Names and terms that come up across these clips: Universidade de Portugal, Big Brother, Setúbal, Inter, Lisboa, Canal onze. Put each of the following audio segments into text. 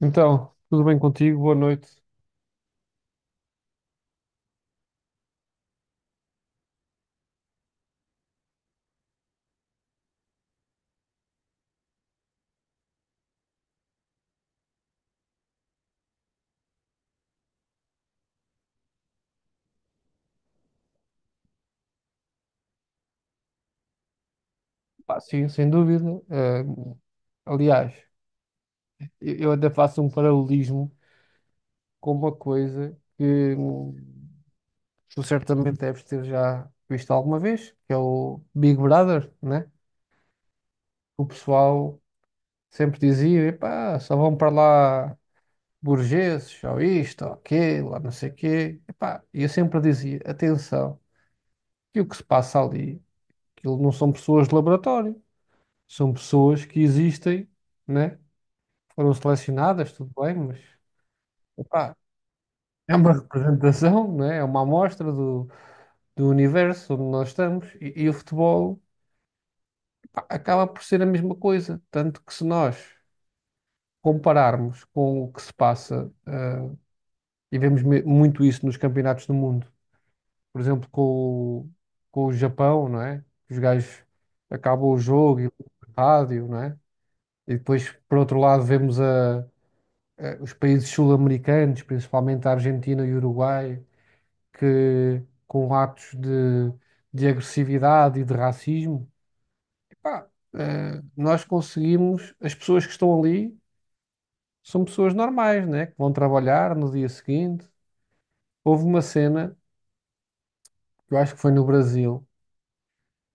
Então, tudo bem contigo? Boa noite. Pá, sim, sem dúvida. Aliás, eu até faço um paralelismo com uma coisa que tu certamente deves ter já visto alguma vez, que é o Big Brother, né? O pessoal sempre dizia, epá, só vão para lá burgueses, ou isto, ou aquilo, ou não sei o quê. Epá, e eu sempre dizia, atenção, que o que se passa ali, aquilo não são pessoas de laboratório, são pessoas que existem, né? Foram selecionadas, tudo bem, mas epá, é uma representação, não é? É uma amostra do, do universo onde nós estamos e o futebol, pá, acaba por ser a mesma coisa. Tanto que se nós compararmos com o que se passa, e vemos muito isso nos campeonatos do mundo, por exemplo, com, com o Japão, não é? Os gajos acabam o jogo e vão para o rádio, não é? E depois, por outro lado, vemos os países sul-americanos, principalmente a Argentina e o Uruguai, que com atos de agressividade e de racismo, epá, nós conseguimos, as pessoas que estão ali são pessoas normais, né? Que vão trabalhar no dia seguinte. Houve uma cena, que eu acho que foi no Brasil,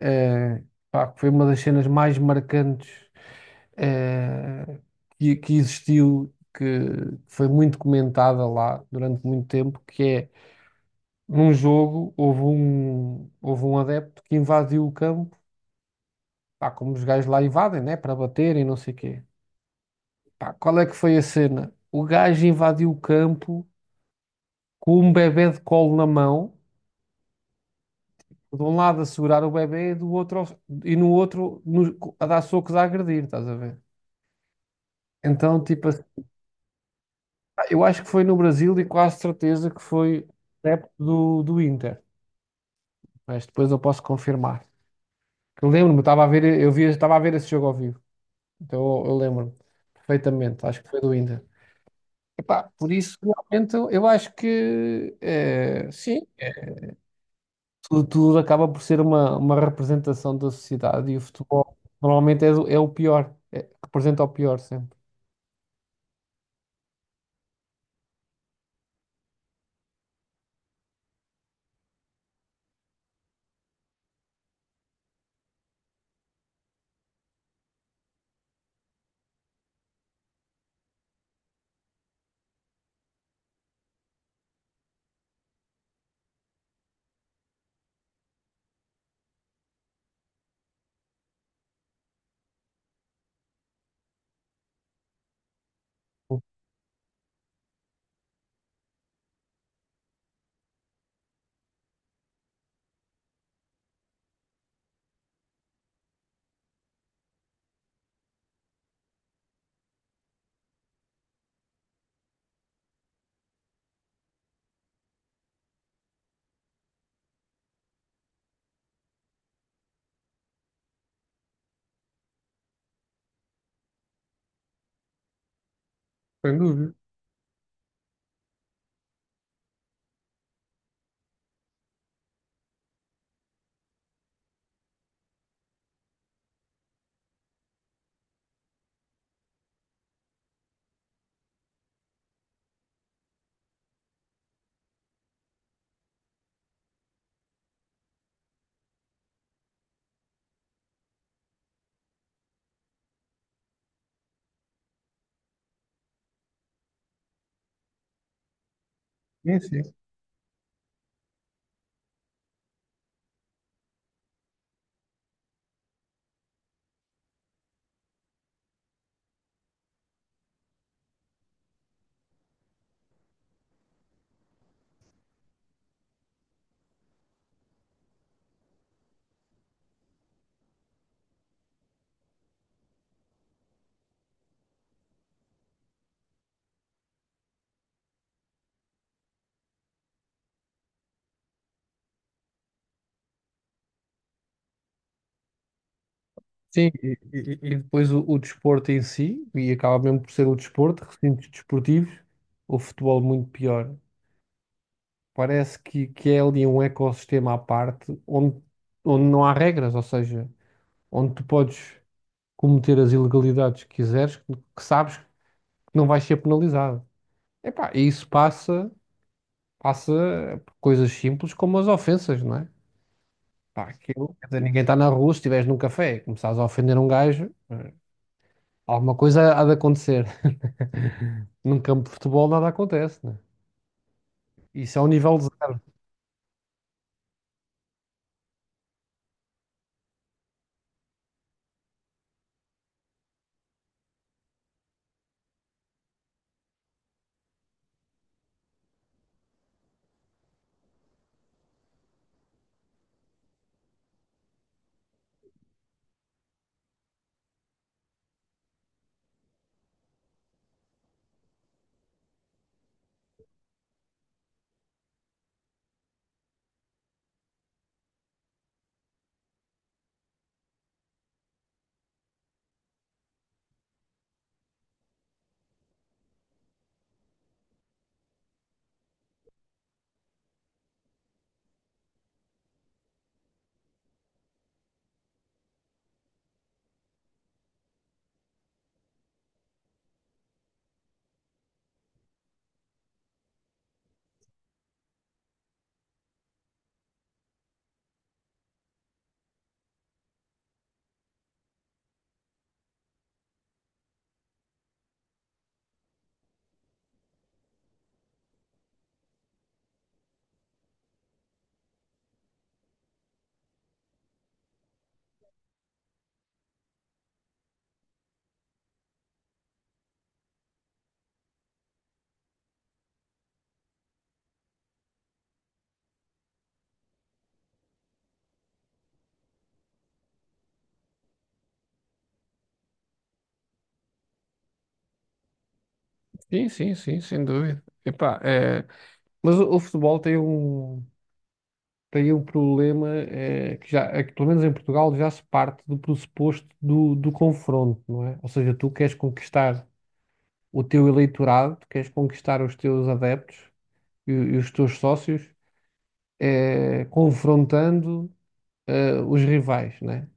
eh, pá, que foi uma das cenas mais marcantes, eh, que existiu, que foi muito comentada lá durante muito tempo, que é num jogo houve um adepto que invadiu o campo. Pá, como os gajos lá invadem, né? Para baterem, não sei o quê. Pá, qual é que foi a cena? O gajo invadiu o campo com um bebé de colo na mão, de um lado a segurar o bebé e do outro e no outro a dar socos, a agredir, estás a ver? Então, tipo, assim, pá, eu acho que foi no Brasil e quase certeza que foi adepto do, do Inter, mas depois eu posso confirmar. Que eu lembro-me, estava a ver, eu via, estava a ver esse jogo ao vivo, então eu lembro-me perfeitamente, acho que foi do Inter. Epá, por isso, realmente, eu acho que sim, tudo, tudo acaba por ser uma representação da sociedade e o futebol normalmente é, é o pior, representa o pior sempre. Sem dúvida. Sim, sim. Sim, e depois o desporto em si, e acaba mesmo por ser o desporto, recintos desportivos, o futebol muito pior. Parece que é ali um ecossistema à parte onde, onde não há regras, ou seja, onde tu podes cometer as ilegalidades que quiseres, que sabes que não vais ser penalizado. Epá, e isso passa, passa por coisas simples como as ofensas, não é? Pá, aquilo, quer dizer, ninguém está na rua, se estiveres num café e começares a ofender um gajo, alguma coisa há de acontecer. Num campo de futebol nada acontece, né? Isso é um nível de zero. Sim, sim, sim, sem dúvida. Epá, é... Mas o futebol tem um. Tem um problema é que já, é que, pelo menos em Portugal, já se parte do pressuposto do, do confronto, não é? Ou seja, tu queres conquistar o teu eleitorado, tu queres conquistar os teus adeptos e os teus sócios, confrontando, os rivais, né?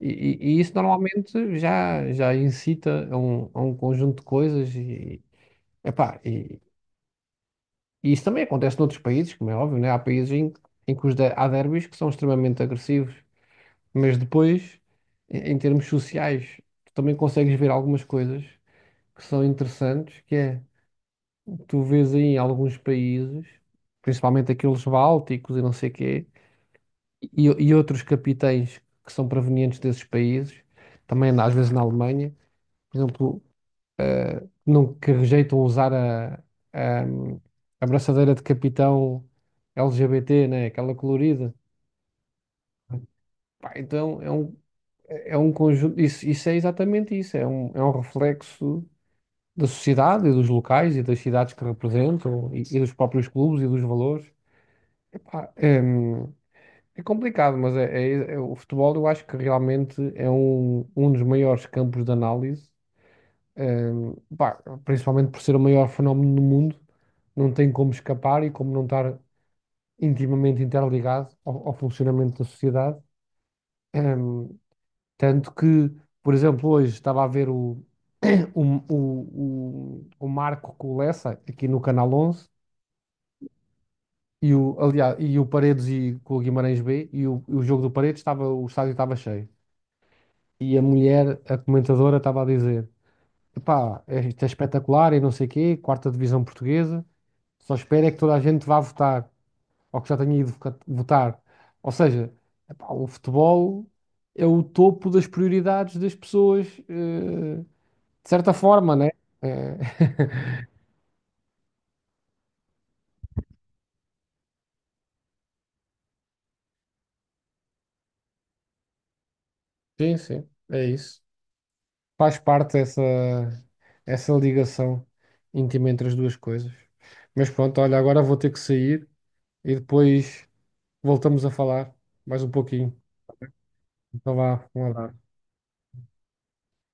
E, e isso normalmente já, já incita a um conjunto de coisas e, epá, e isso também acontece noutros países, como é óbvio, né? Há países em, em que os há derbys que são extremamente agressivos. Mas depois, em em termos sociais, tu também consegues ver algumas coisas que são interessantes, que é, tu vês aí em alguns países, principalmente aqueles bálticos e não sei quê, e outros capitães que são provenientes desses países, também às vezes na Alemanha, por exemplo, não, que rejeitam usar a, a braçadeira de capitão LGBT, né, aquela colorida. Pá, então é um conjunto, isso é exatamente isso, é um reflexo da sociedade e dos locais e das cidades que representam e dos próprios clubes e dos valores. Epá, é, é complicado, mas é, o futebol eu acho que realmente é um, um dos maiores campos de análise, é, pá, principalmente por ser o maior fenómeno do mundo, não tem como escapar e como não estar intimamente interligado ao, ao funcionamento da sociedade. É, tanto que, por exemplo, hoje estava a ver o, o, o Marco com o Lessa aqui no Canal 11. E o, aliás, e o Paredes e com o Guimarães B e o jogo do Paredes estava, o estádio estava cheio. E a mulher, a comentadora, estava a dizer: "Epá, isto é espetacular e não sei quê, quarta divisão portuguesa. Só espero é que toda a gente vá votar, ou que já tenha ido votar." Ou seja, epá, o futebol é o topo das prioridades das pessoas, de certa forma, né? É... Sim, sim, é isso. Faz parte essa, essa ligação íntima entre as duas coisas. Mas pronto, olha, agora vou ter que sair e depois voltamos a falar mais um pouquinho. Então vá, um abraço.